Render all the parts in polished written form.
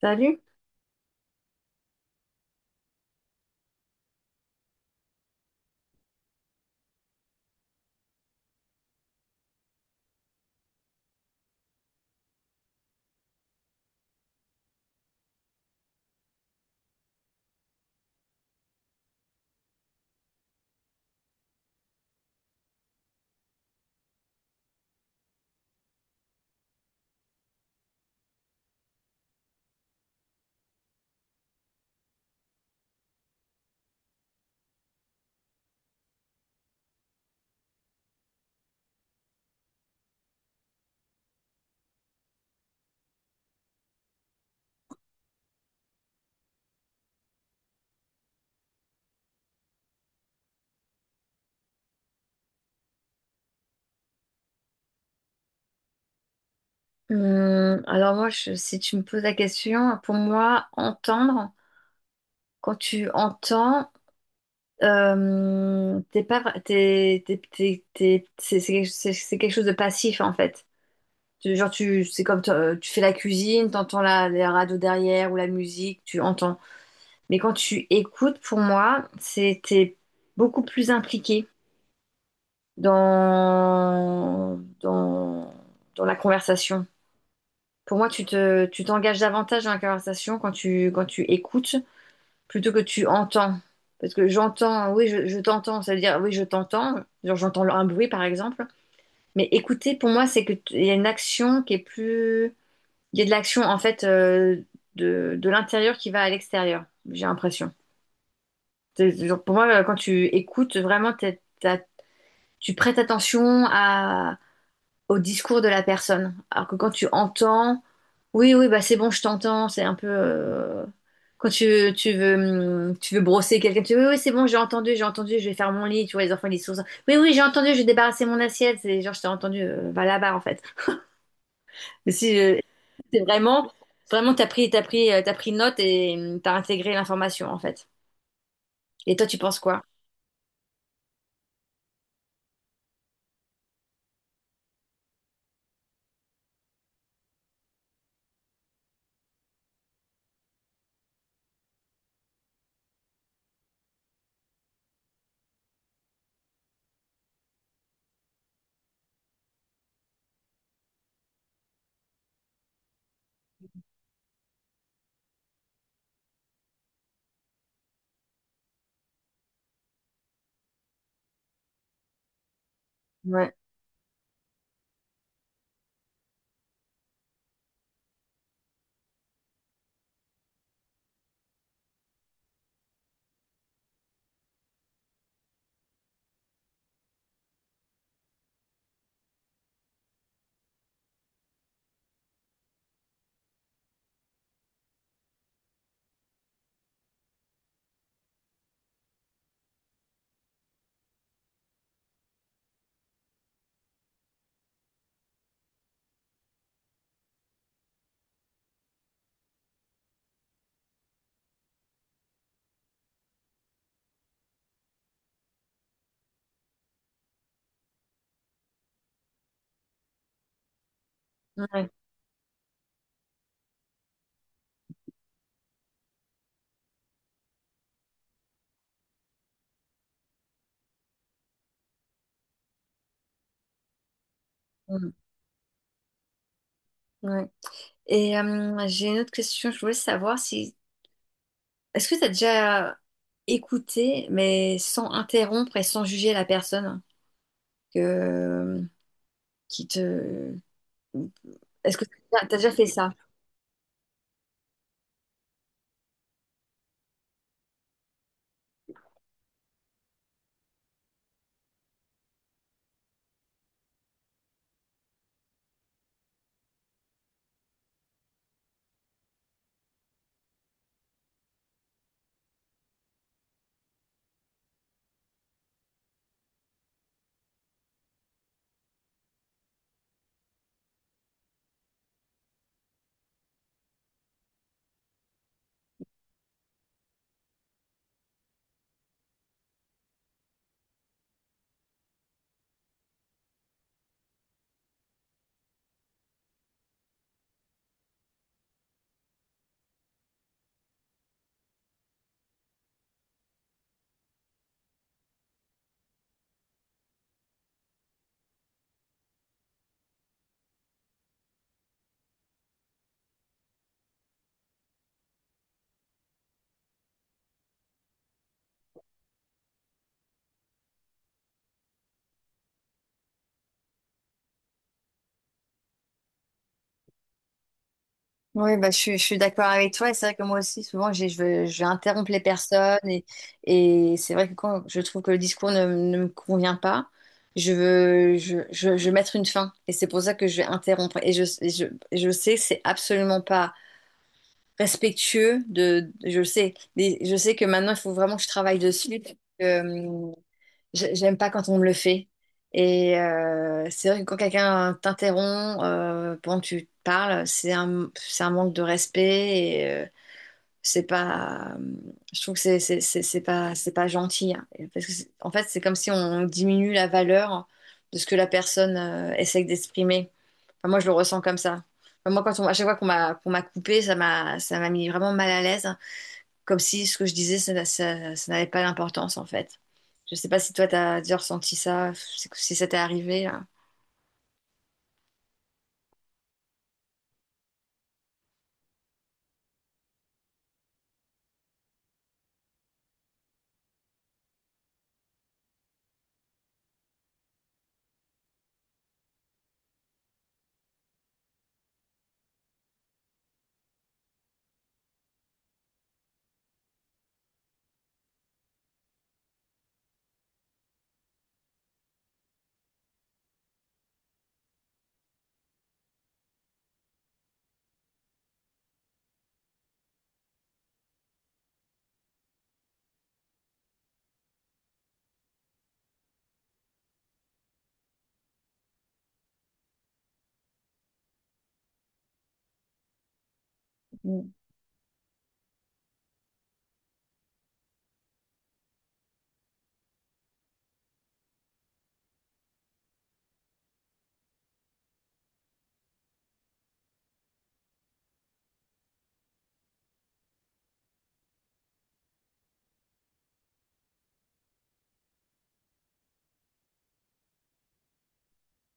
Salut. Alors moi, si tu me poses la question, pour moi, entendre, quand tu entends, t'es pas, vra- t'es, t'es- t'es- t'es- c'est quelque chose de passif en fait. Genre c'est comme tu fais la cuisine, t'entends la radio derrière ou la musique, tu entends. Mais quand tu écoutes, pour moi, c'est t'es beaucoup plus impliqué dans dans la conversation. Pour moi, tu t'engages davantage dans la conversation quand tu écoutes plutôt que tu entends. Parce que j'entends, oui, je t'entends, ça veut dire, oui, je t'entends, genre j'entends un bruit par exemple. Mais écouter, pour moi, c'est que il y a une action qui est plus. Il y a de l'action en fait, de l'intérieur qui va à l'extérieur, j'ai l'impression. C'est genre, pour moi, quand tu écoutes, vraiment, tu prêtes attention à, au discours de la personne. Alors que quand tu entends, oui, oui, bah c'est bon, je t'entends, c'est un peu. Quand tu, tu veux, tu veux brosser quelqu'un, tu dis oui, oui, c'est bon, j'ai entendu, je vais faire mon lit, tu vois, les enfants, ils sont. Oui, oui, j'ai entendu, je vais débarrasser mon assiette, c'est genre, je t'ai entendu, va là-bas, en fait. Mais si c'est vraiment, vraiment, t'as pris note et, t'as intégré l'information, en fait. Et toi, tu penses quoi? Ouais, ouais, hum, ouais. Et, j'ai une autre question, je voulais savoir si. Est-ce que t'as déjà écouté, mais sans interrompre et sans juger la personne que, qui te. Est-ce que t'as déjà fait ça? Oui, bah, je suis d'accord avec toi. Et c'est vrai que moi aussi, souvent, je vais interrompre les personnes. Et c'est vrai que quand je trouve que le discours ne me convient pas, je veux mettre une fin. Et c'est pour ça que je vais interrompre. Et je sais que c'est absolument pas respectueux de, je le sais. Mais je sais que maintenant, il faut vraiment que je travaille dessus. Euh, J'aime pas quand on me le fait. Et, c'est vrai que quand quelqu'un t'interrompt, pendant que tu parles, c'est un manque de respect et, c'est pas. Je trouve que c'est pas gentil, hein. Et parce que en fait, c'est comme si on diminue la valeur de ce que la personne, essaie d'exprimer. Enfin, moi, je le ressens comme ça. Enfin, moi, à chaque fois qu'on m'a coupé, ça m'a mis vraiment mal à l'aise comme si ce que je disais, ça n'avait pas d'importance en fait. Je sais pas si toi, t'as déjà ressenti ça, si ça t'est arrivé là. Mm.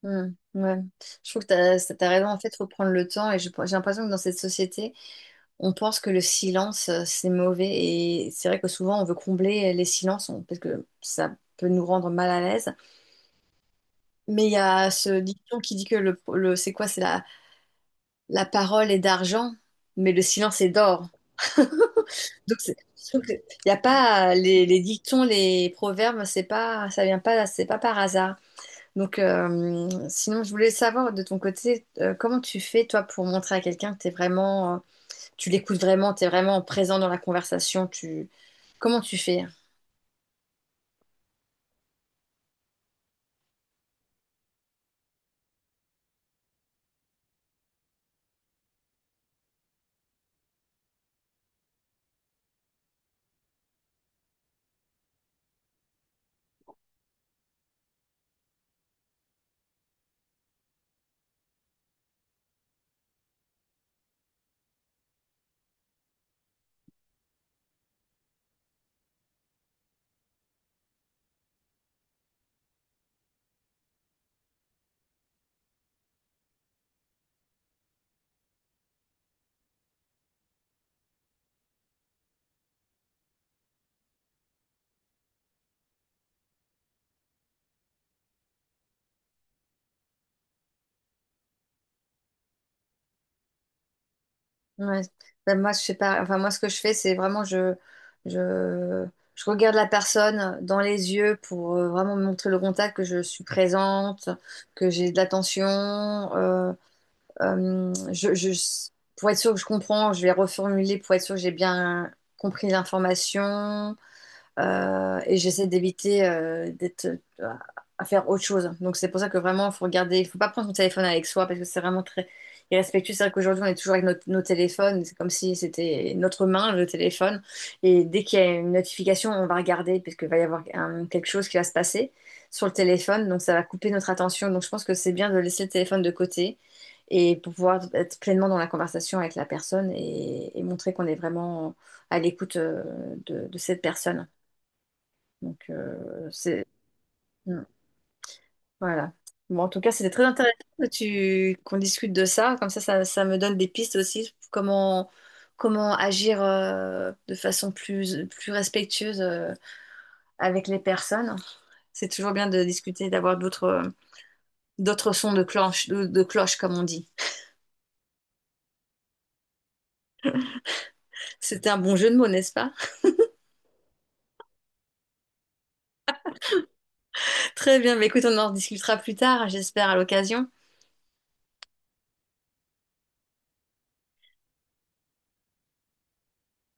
Mm. Ouais. Je trouve que t'as raison. En fait, faut prendre le temps. Et j'ai l'impression que dans cette société, on pense que le silence, c'est mauvais. Et c'est vrai que souvent, on veut combler les silences, parce que ça peut nous rendre mal à l'aise. Mais il y a ce dicton qui dit que c'est quoi? La parole est d'argent, mais le silence est d'or. Donc, c'est- je trouve que y a pas les dictons, les proverbes, c'est pas, ça vient pas, c'est pas par hasard. Donc, sinon, je voulais savoir de ton côté, comment tu fais toi pour montrer à quelqu'un que t'es vraiment, tu l'écoutes vraiment, t'es vraiment présent dans la conversation. Comment tu fais? Ouais. Ben, moi, je fais pas. Enfin, moi, ce que je fais, c'est vraiment je, je regarde la personne dans les yeux pour, vraiment me montrer le contact, que je suis présente, que j'ai de l'attention. euh, Euh, je, je- pour être sûr que je comprends, je vais reformuler pour être sûr que j'ai bien compris l'information. Et j'essaie d'éviter, d'être, euh, à faire autre chose. Donc c'est pour ça que vraiment, il faut regarder, il faut pas prendre son téléphone avec soi parce que c'est vraiment très irrespectueux. C'est vrai qu'aujourd'hui, on est toujours avec nos téléphones, c'est comme si c'était notre main, le téléphone. Et dès qu'il y a une notification, on va regarder parce qu'il va y avoir quelque chose qui va se passer sur le téléphone, donc ça va couper notre attention. Donc je pense que c'est bien de laisser le téléphone de côté. Et pour pouvoir être pleinement dans la conversation avec la personne et montrer qu'on est vraiment à l'écoute, de cette personne. Donc, c'est... mm, voilà. Bon, en tout cas, c'était très intéressant que tu... qu'on discute de ça. Comme ça, ça me donne des pistes aussi. Comment agir, de façon plus, plus respectueuse, avec les personnes. C'est toujours bien de discuter, d'avoir d'autres... d'autres sons de cloche, de cloche, comme on dit. C'était un bon jeu de mots, n'est-ce pas? Très bien, mais écoute, on en discutera plus tard, j'espère, à l'occasion.